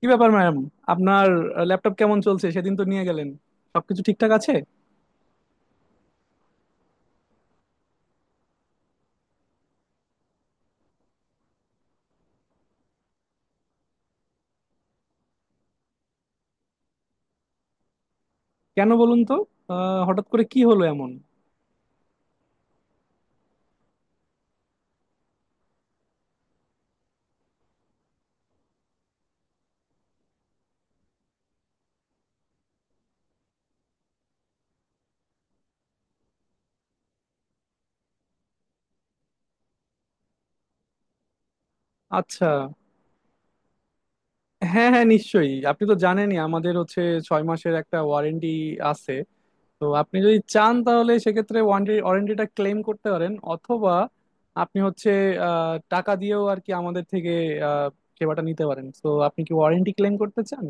কি ব্যাপার ম্যাম? আপনার ল্যাপটপ কেমন চলছে? সেদিন তো নিয়ে গেলেন, সবকিছু ঠিকঠাক আছে? কেন বলুন তো, হঠাৎ করে কি হলো এমন? আচ্ছা, হ্যাঁ হ্যাঁ, নিশ্চয়ই। আপনি তো জানেনই আমাদের হচ্ছে 6 মাসের একটা ওয়ারেন্টি আছে। তো আপনি যদি চান তাহলে সেক্ষেত্রে ওয়ারেন্টিটা ক্লেম করতে পারেন, অথবা আপনি হচ্ছে টাকা দিয়েও আর কি আমাদের থেকে আহ, সেবাটা নিতে পারেন। তো আপনি কি ওয়ারেন্টি ক্লেম করতে চান?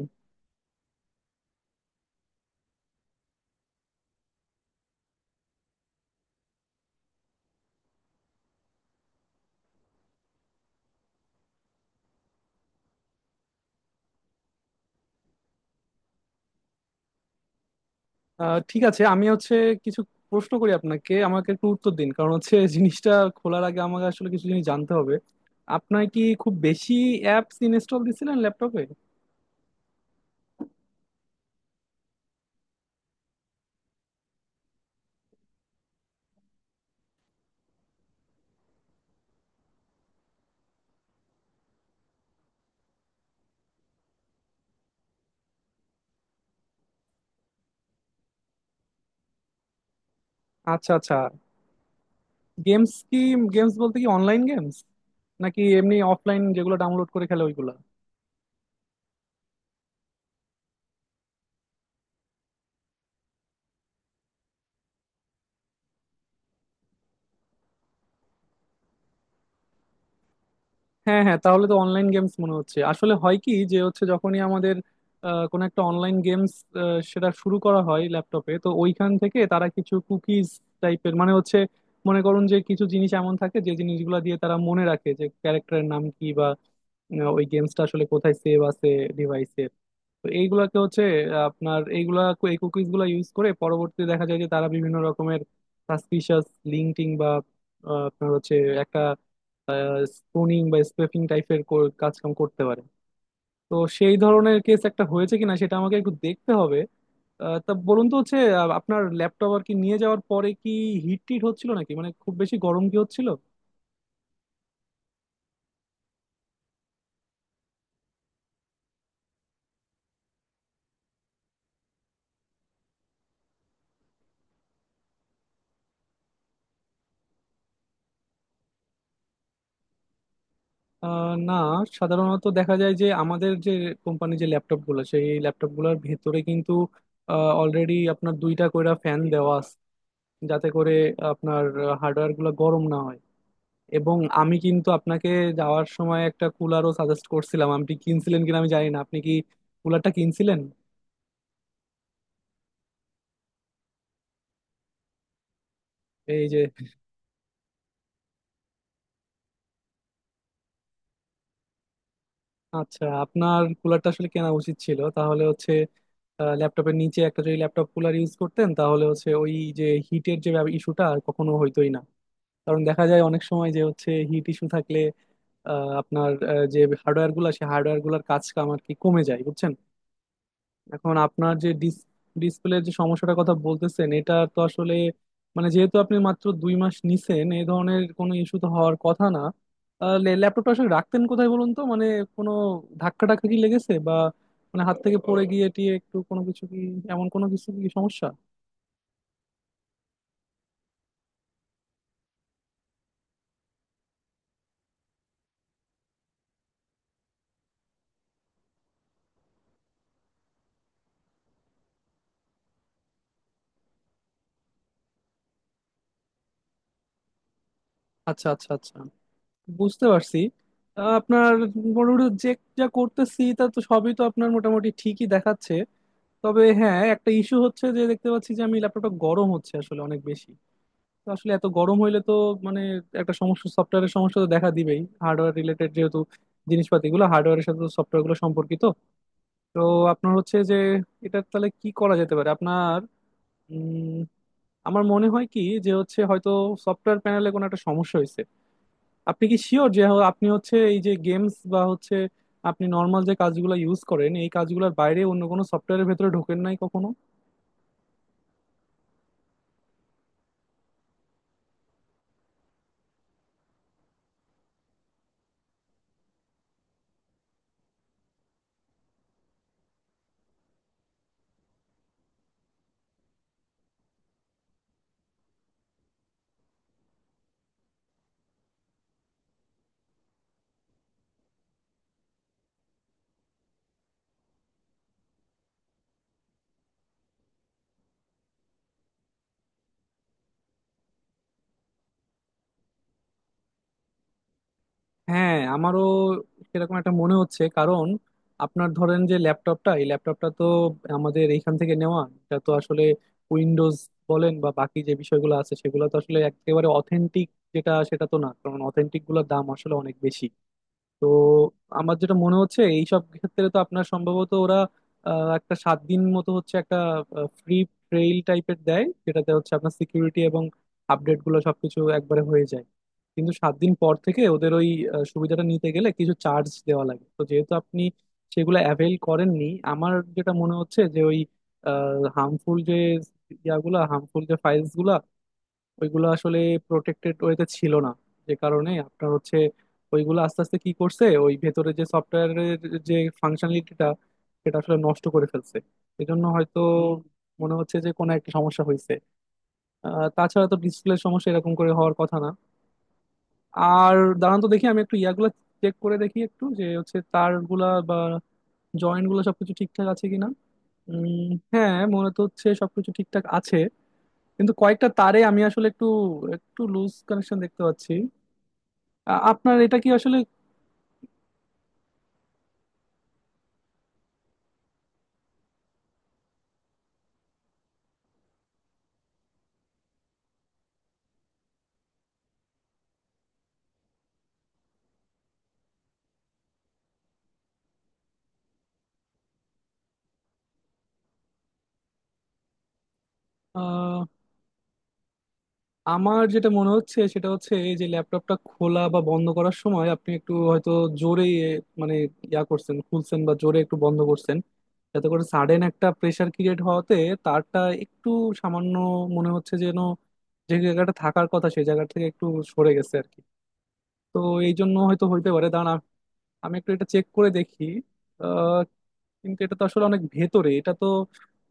ঠিক আছে, আমি হচ্ছে কিছু প্রশ্ন করি আপনাকে, আমাকে একটু উত্তর দিন, কারণ হচ্ছে জিনিসটা খোলার আগে আমাকে আসলে কিছু জিনিস জানতে হবে। আপনার কি খুব বেশি অ্যাপস ইনস্টল দিছিলেন ল্যাপটপে? আচ্ছা আচ্ছা। গেমস কি? গেমস বলতে কি অনলাইন গেমস নাকি এমনি অফলাইন যেগুলো ডাউনলোড করে খেলে ওইগুলা? হ্যাঁ হ্যাঁ, তাহলে তো অনলাইন গেমস মনে হচ্ছে। আসলে হয় কি, যে হচ্ছে যখনই আমাদের কোনো একটা অনলাইন গেমস সেটা শুরু করা হয় ল্যাপটপে, তো ওইখান থেকে তারা কিছু কুকিজ টাইপের, মানে হচ্ছে মনে করুন যে কিছু জিনিস এমন থাকে যে জিনিসগুলো দিয়ে তারা মনে রাখে যে ক্যারেক্টারের নাম কি, বা ওই গেমসটা আসলে কোথায় সেভ আছে ডিভাইসের। তো এইগুলাকে হচ্ছে আপনার এইগুলা, এই কুকিজ গুলা ইউজ করে পরবর্তীতে দেখা যায় যে তারা বিভিন্ন রকমের সাসপিশিয়াস লিঙ্কিং বা আপনার হচ্ছে একটা স্পুনিং বা স্পেফিং টাইপের কাজকাম করতে পারে। তো সেই ধরনের কেস একটা হয়েছে কিনা সেটা আমাকে একটু দেখতে হবে। তা বলুন তো হচ্ছে, আপনার ল্যাপটপ আর কি নিয়ে যাওয়ার পরে কি হিট টিট হচ্ছিল নাকি, মানে খুব বেশি গরম কি হচ্ছিল? না, সাধারণত দেখা যায় যে আমাদের যে কোম্পানি, যে ল্যাপটপ গুলো, সেই ল্যাপটপ গুলোর ভেতরে কিন্তু অলরেডি আপনার দুইটা কইরা ফ্যান দেওয়া আছে, যাতে করে আপনার হার্ডওয়্যার গুলো গরম না হয়। এবং আমি কিন্তু আপনাকে যাওয়ার সময় একটা কুলারও সাজেস্ট করছিলাম, আপনি কিনছিলেন কিনা আমি জানি না। আপনি কি কুলারটা কিনছিলেন? এই যে, আচ্ছা, আপনার কুলারটা আসলে কেনা উচিত ছিল। তাহলে হচ্ছে ল্যাপটপের নিচে একটা যদি ল্যাপটপ কুলার ইউজ করতেন, তাহলে হচ্ছে ওই যে হিটের যে ইস্যুটা, কখনো হইতোই না। কারণ দেখা যায় অনেক সময় যে হচ্ছে হিট ইস্যু থাকলে আপনার যে হার্ডওয়্যার গুলা, সেই হার্ডওয়্যার গুলার কাজ কাম আর কি কমে যায়, বুঝছেন? এখন আপনার যে ডিসপ্লের যে সমস্যাটার কথা বলতেছেন, এটা তো আসলে মানে যেহেতু আপনি মাত্র 2 মাস নিছেন, এই ধরনের কোনো ইস্যু তো হওয়ার কথা না। ল্যাপটপটা আসলে রাখতেন কোথায় বলুন তো, মানে কোনো ধাক্কা টাক্কা কি লেগেছে, বা মানে হাত থেকে পড়ে গিয়ে টিয়ে একটু কোনো কিছু কি, এমন কোনো কিছু কি সমস্যা? আচ্ছা আচ্ছা আচ্ছা, বুঝতে পারছি। আপনার মোটামুটি যে যা করতেছি, তা তো সবই তো আপনার মোটামুটি ঠিকই দেখাচ্ছে। তবে হ্যাঁ, একটা ইস্যু হচ্ছে যে দেখতে পাচ্ছি যে আমি ল্যাপটপটা গরম হচ্ছে আসলে অনেক বেশি। তো আসলে এত গরম হইলে তো মানে একটা সমস্যা, সফটওয়্যারের সমস্যা তো দেখা দিবেই, হার্ডওয়্যার রিলেটেড যেহেতু জিনিসপাতি গুলো, হার্ডওয়্যারের সাথে সফটওয়্যার গুলো সম্পর্কিত। তো আপনার হচ্ছে যে এটা তাহলে কি করা যেতে পারে আপনার, উম, আমার মনে হয় কি যে হচ্ছে হয়তো সফটওয়্যার প্যানেলে কোনো একটা সমস্যা হয়েছে। আপনি কি শিওর যে আপনি হচ্ছে এই যে গেমস বা হচ্ছে আপনি নর্মাল যে কাজগুলো ইউজ করেন, এই কাজগুলোর বাইরে অন্য কোনো সফটওয়্যারের ভেতরে ঢোকেন নাই কখনো? হ্যাঁ, আমারও সেরকম একটা মনে হচ্ছে। কারণ আপনার ধরেন যে এই ল্যাপটপটা তো আমাদের এইখান থেকে নেওয়া, এটা তো আসলে উইন্ডোজ বলেন বা বাকি যে বিষয়গুলো আছে, সেগুলো তো আসলে একেবারে অথেন্টিক যেটা, সেটা তো না, কারণ অথেন্টিক গুলোর দাম আসলে অনেক বেশি। তো আমার যেটা মনে হচ্ছে, এইসব ক্ষেত্রে তো আপনার সম্ভবত ওরা একটা 7 দিন মতো হচ্ছে একটা ফ্রি ট্রেইল টাইপের দেয়, যেটাতে হচ্ছে আপনার সিকিউরিটি এবং আপডেট গুলো সবকিছু একবারে হয়ে যায়। কিন্তু 7 দিন পর থেকে ওদের ওই সুবিধাটা নিতে গেলে কিছু চার্জ দেওয়া লাগে। তো যেহেতু আপনি সেগুলো অ্যাভেল করেননি, আমার যেটা মনে হচ্ছে যে ওই হার্মফুল যে ফাইলস গুলা ওইগুলো আসলে প্রোটেক্টেড ওয়েতে ছিল না, যে কারণে আপনার হচ্ছে ওইগুলো আস্তে আস্তে কি করছে, ওই ভেতরে যে সফটওয়্যারের যে ফাংশনালিটিটা, সেটা আসলে নষ্ট করে ফেলছে। এজন্য হয়তো মনে হচ্ছে যে কোনো একটা সমস্যা হয়েছে। তাছাড়া তো ডিসপ্লের সমস্যা এরকম করে হওয়ার কথা না। আর দাঁড়ান তো, দেখি আমি একটু ইয়াগুলো চেক করে দেখি একটু, যে হচ্ছে তারগুলা বা জয়েন্ট গুলো সবকিছু ঠিকঠাক আছে কিনা। উম, হ্যাঁ, মনে তো হচ্ছে সবকিছু ঠিকঠাক আছে, কিন্তু কয়েকটা তারে আমি আসলে একটু একটু লুজ কানেকশন দেখতে পাচ্ছি। আপনার এটা কি আসলে, আহ, আমার যেটা মনে হচ্ছে সেটা হচ্ছে এই যে ল্যাপটপটা খোলা বা বন্ধ করার সময় আপনি একটু হয়তো জোরে, মানে ইয়া করছেন, খুলছেন বা জোরে একটু বন্ধ করছেন, যাতে করে সাডেন একটা প্রেসার ক্রিয়েট হওয়াতে তারটা একটু সামান্য, মনে হচ্ছে যেন, যে জায়গাটা থাকার কথা সেই জায়গা থেকে একটু সরে গেছে আর কি। তো এই জন্য হয়তো হইতে পারে। দাঁড়ান আমি একটু এটা চেক করে দেখি। কিন্তু এটা তো আসলে অনেক ভেতরে, এটা তো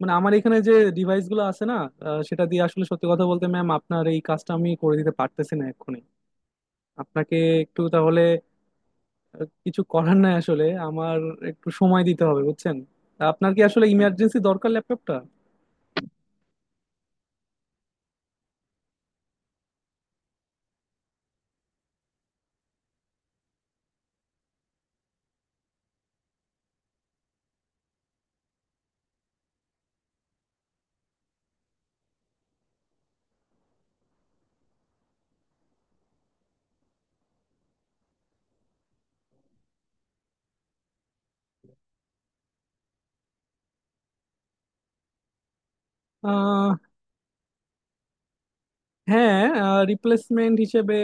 মানে আমার এখানে যে ডিভাইস গুলো আছে না, সেটা দিয়ে আসলে সত্যি কথা বলতে, ম্যাম, আপনার এই কাজটা আমি করে দিতে পারতেছি না এক্ষুনি। আপনাকে একটু তাহলে কিছু করার নাই, আসলে আমার একটু সময় দিতে হবে, বুঝছেন? তা আপনার কি আসলে ইমার্জেন্সি দরকার ল্যাপটপটা? আহ, হ্যাঁ, রিপ্লেসমেন্ট হিসেবে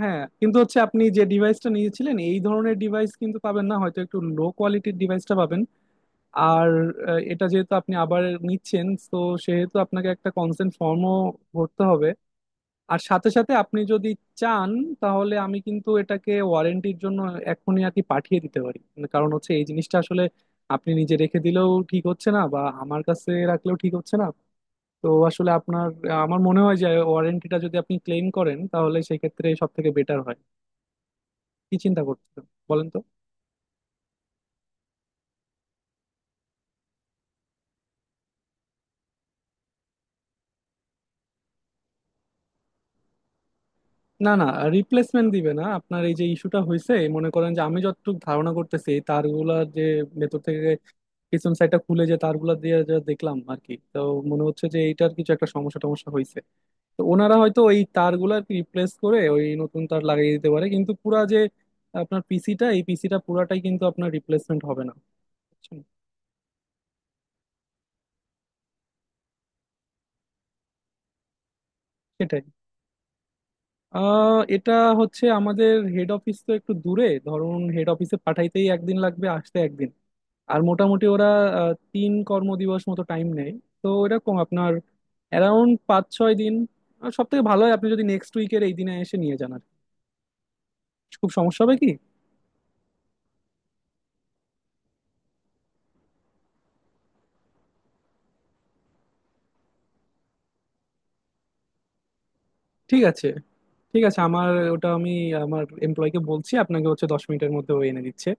হ্যাঁ, কিন্তু হচ্ছে আপনি যে ডিভাইসটা নিয়েছিলেন এই ধরনের ডিভাইস কিন্তু পাবেন না, হয়তো একটু লো কোয়ালিটির ডিভাইসটা পাবেন। আর এটা যেহেতু আপনি আবার নিচ্ছেন, তো সেহেতু আপনাকে একটা কনসেন্ট ফর্মও ভরতে হবে। আর সাথে সাথে আপনি যদি চান, তাহলে আমি কিন্তু এটাকে ওয়ারেন্টির জন্য এখনই আর কি পাঠিয়ে দিতে পারি। কারণ হচ্ছে এই জিনিসটা আসলে আপনি নিজে রেখে দিলেও ঠিক হচ্ছে না, বা আমার কাছে রাখলেও ঠিক হচ্ছে না। তো আসলে আপনার, আমার মনে হয় যে ওয়ারেন্টিটা যদি আপনি ক্লেম করেন, তাহলে সেক্ষেত্রে সব থেকে বেটার হয়। কি চিন্তা করছেন বলেন তো? না না, রিপ্লেসমেন্ট দিবে না। আপনার এই যে ইস্যুটা হয়েছে, মনে করেন যে আমি যতটুকু ধারণা করতেছি, এই তারগুলা যে ভেতর থেকে পিছন সাইডটা খুলে যে তারগুলা দিয়ে যা দেখলাম আর কি, তো মনে হচ্ছে যে এইটার কিছু একটা সমস্যা টমস্যা হয়েছে। তো ওনারা হয়তো ওই তারগুলা আর কি রিপ্লেস করে ওই নতুন তার লাগিয়ে দিতে পারে, কিন্তু পুরা যে আপনার পিসিটা এই পিসিটা পুরাটাই কিন্তু আপনার রিপ্লেসমেন্ট হবে না, বুঝছেন? সেটাই, আহ, এটা হচ্ছে আমাদের হেড অফিস তো একটু দূরে, ধরুন হেড অফিসে পাঠাইতেই একদিন লাগবে, আসতে একদিন, আর মোটামুটি ওরা 3 কর্মদিবস মতো টাইম নেয়। তো এরকম আপনার অ্যারাউন্ড 5-6 দিন। আর সব থেকে ভালো হয় আপনি যদি নেক্সট উইকের এই দিনে এসে নিয়ে যান আর কি। খুব সমস্যা হবে কি? ঠিক আছে, ঠিক আছে। আমার ওটা আমি আমার এমপ্লয়কে বলছি, আপনাকে হচ্ছে 10 মিনিটের মধ্যে ও এনে দিচ্ছে।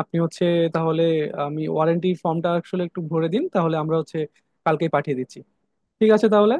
আপনি হচ্ছে তাহলে আমি ওয়ারেন্টি ফর্মটা আসলে একটু ভরে দিন, তাহলে আমরা হচ্ছে কালকেই পাঠিয়ে দিচ্ছি। ঠিক আছে তাহলে।